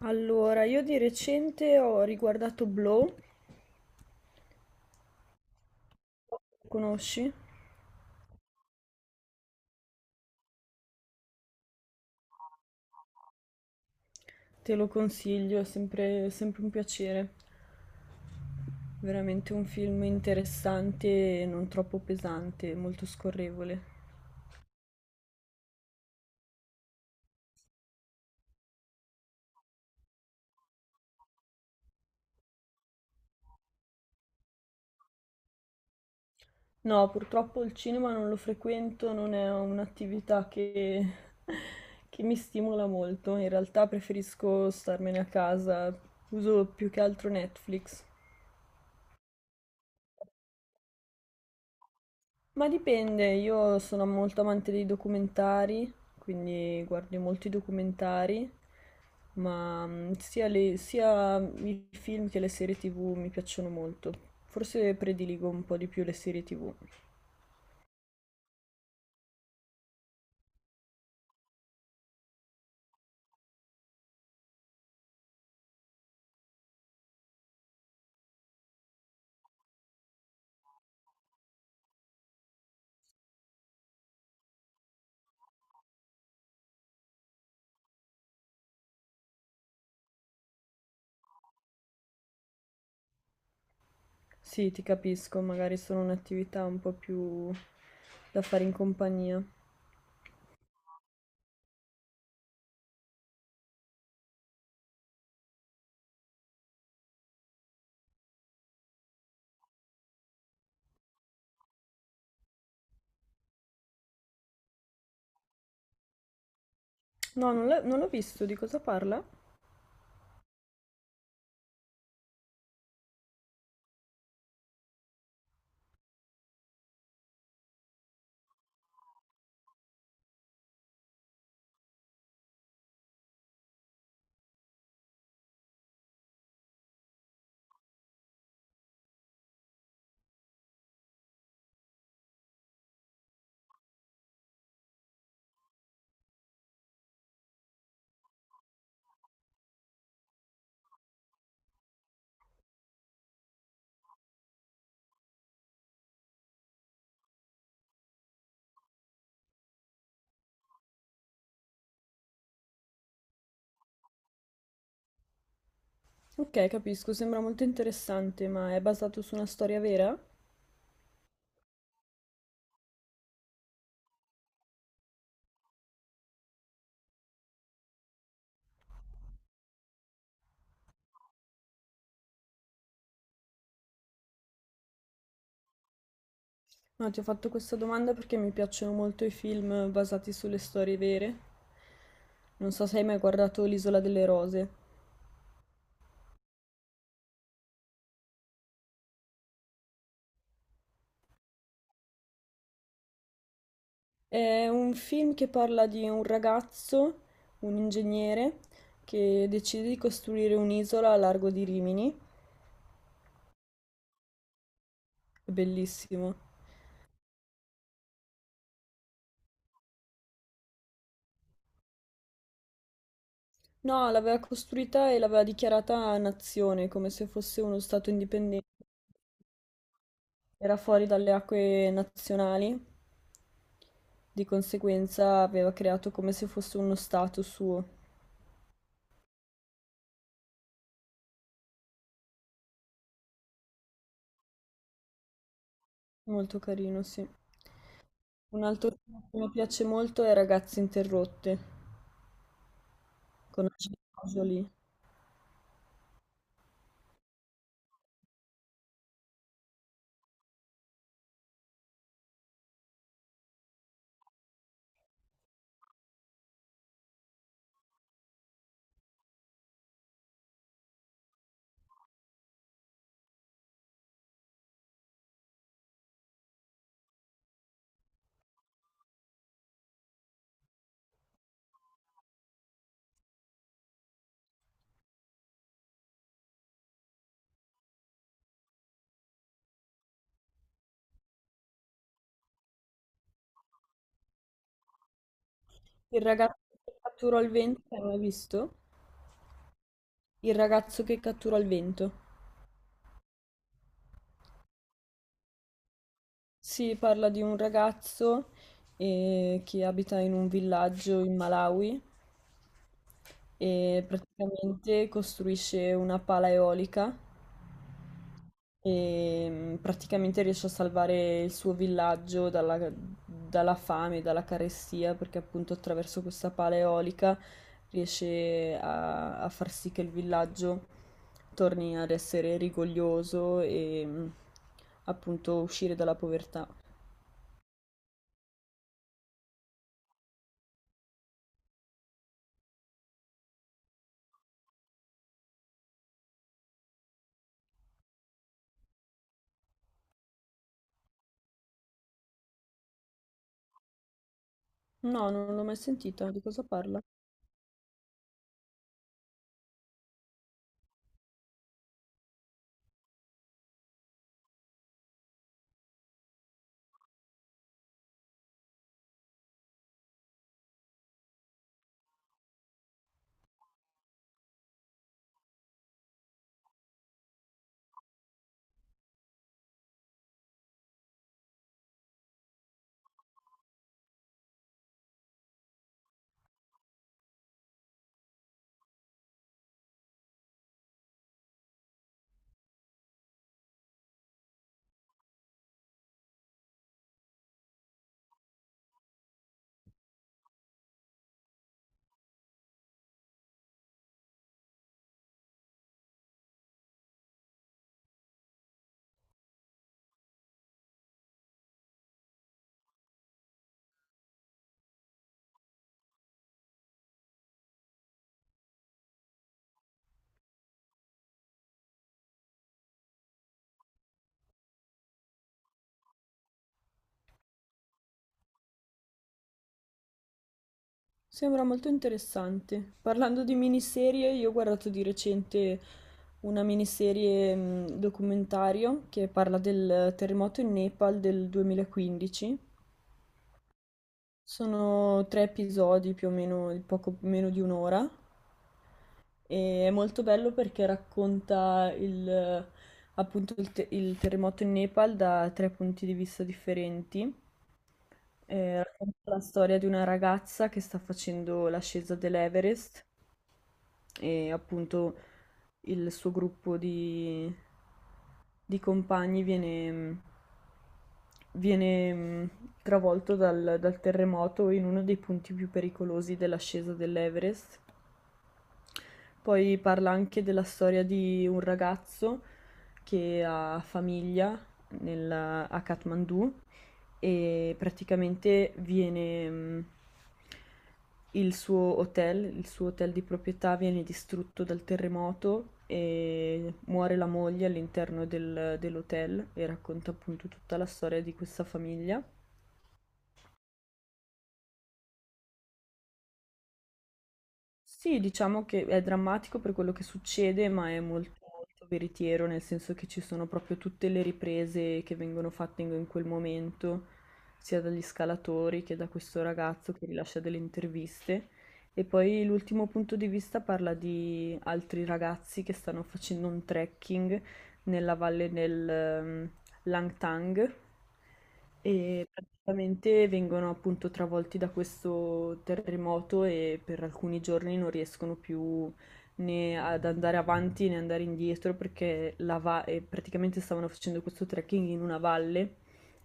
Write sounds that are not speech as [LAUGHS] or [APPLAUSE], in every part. Allora, io di recente ho riguardato Blow, conosci? Te lo consiglio, è sempre, sempre un piacere. Veramente un film interessante e non troppo pesante, molto scorrevole. No, purtroppo il cinema non lo frequento, non è un'attività che, [LAUGHS] che mi stimola molto. In realtà preferisco starmene a casa, uso più che altro Netflix. Ma dipende, io sono molto amante dei documentari, quindi guardo molti documentari, ma sia i film che le serie TV mi piacciono molto. Forse prediligo un po' di più le serie TV. Sì, ti capisco, magari sono un'attività un po' più da fare in compagnia. No, non l'ho visto, di cosa parla? Ok, capisco, sembra molto interessante, ma è basato su una storia vera? No, ti ho fatto questa domanda perché mi piacciono molto i film basati sulle storie vere. Non so se hai mai guardato L'Isola delle Rose. È un film che parla di un ragazzo, un ingegnere, che decide di costruire un'isola a largo di Rimini. È bellissimo. No, l'aveva costruita e l'aveva dichiarata nazione, come se fosse uno stato indipendente. Era fuori dalle acque nazionali, di conseguenza aveva creato come se fosse uno stato suo. Molto carino, sì. Un altro film che mi piace molto è Ragazze interrotte con Angelina Jolie. Il ragazzo che catturò il vento, l'hai mai visto? Il ragazzo che catturò il vento. Si parla di un ragazzo che abita in un villaggio in Malawi e praticamente costruisce una pala eolica e praticamente riesce a salvare il suo villaggio dalla, dalla fame, dalla carestia, perché appunto attraverso questa pala eolica riesce a, a far sì che il villaggio torni ad essere rigoglioso e appunto uscire dalla povertà. No, non l'ho mai sentita, di cosa parla? Sembra molto interessante. Parlando di miniserie, io ho guardato di recente una miniserie documentario che parla del terremoto in Nepal del 2015. Sono 3 episodi più o meno, di poco meno di un'ora, e è molto bello perché racconta il, appunto il terremoto in Nepal da 3 punti di vista differenti. Racconta la storia di una ragazza che sta facendo l'ascesa dell'Everest e appunto il suo gruppo di compagni viene travolto dal terremoto in uno dei punti più pericolosi dell'ascesa dell'Everest, poi parla anche della storia di un ragazzo che ha famiglia nel- a Kathmandu e praticamente viene, il suo hotel di proprietà viene distrutto dal terremoto e muore la moglie all'interno dell'hotel e racconta appunto tutta la storia di questa famiglia. Sì, diciamo che è drammatico per quello che succede, ma è molto, molto veritiero, nel senso che ci sono proprio tutte le riprese che vengono fatte in, in quel momento, sia dagli scalatori che da questo ragazzo che rilascia delle interviste. E poi l'ultimo punto di vista parla di altri ragazzi che stanno facendo un trekking nella valle del, Langtang, e praticamente vengono appunto travolti da questo terremoto e per alcuni giorni non riescono più né ad andare avanti né andare indietro perché la va- e praticamente stavano facendo questo trekking in una valle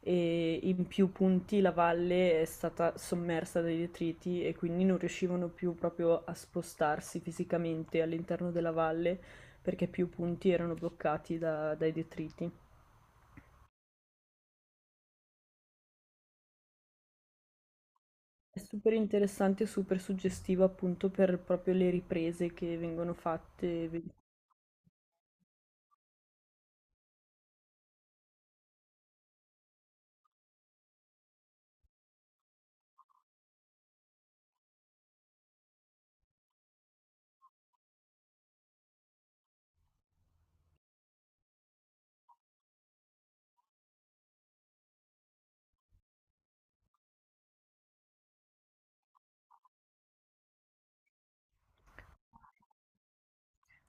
e in più punti la valle è stata sommersa dai detriti e quindi non riuscivano più proprio a spostarsi fisicamente all'interno della valle perché più punti erano bloccati dai detriti. È super interessante e super suggestiva appunto per proprio le riprese che vengono fatte.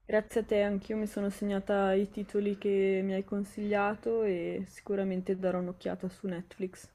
Grazie a te, anch'io mi sono segnata i titoli che mi hai consigliato e sicuramente darò un'occhiata su Netflix.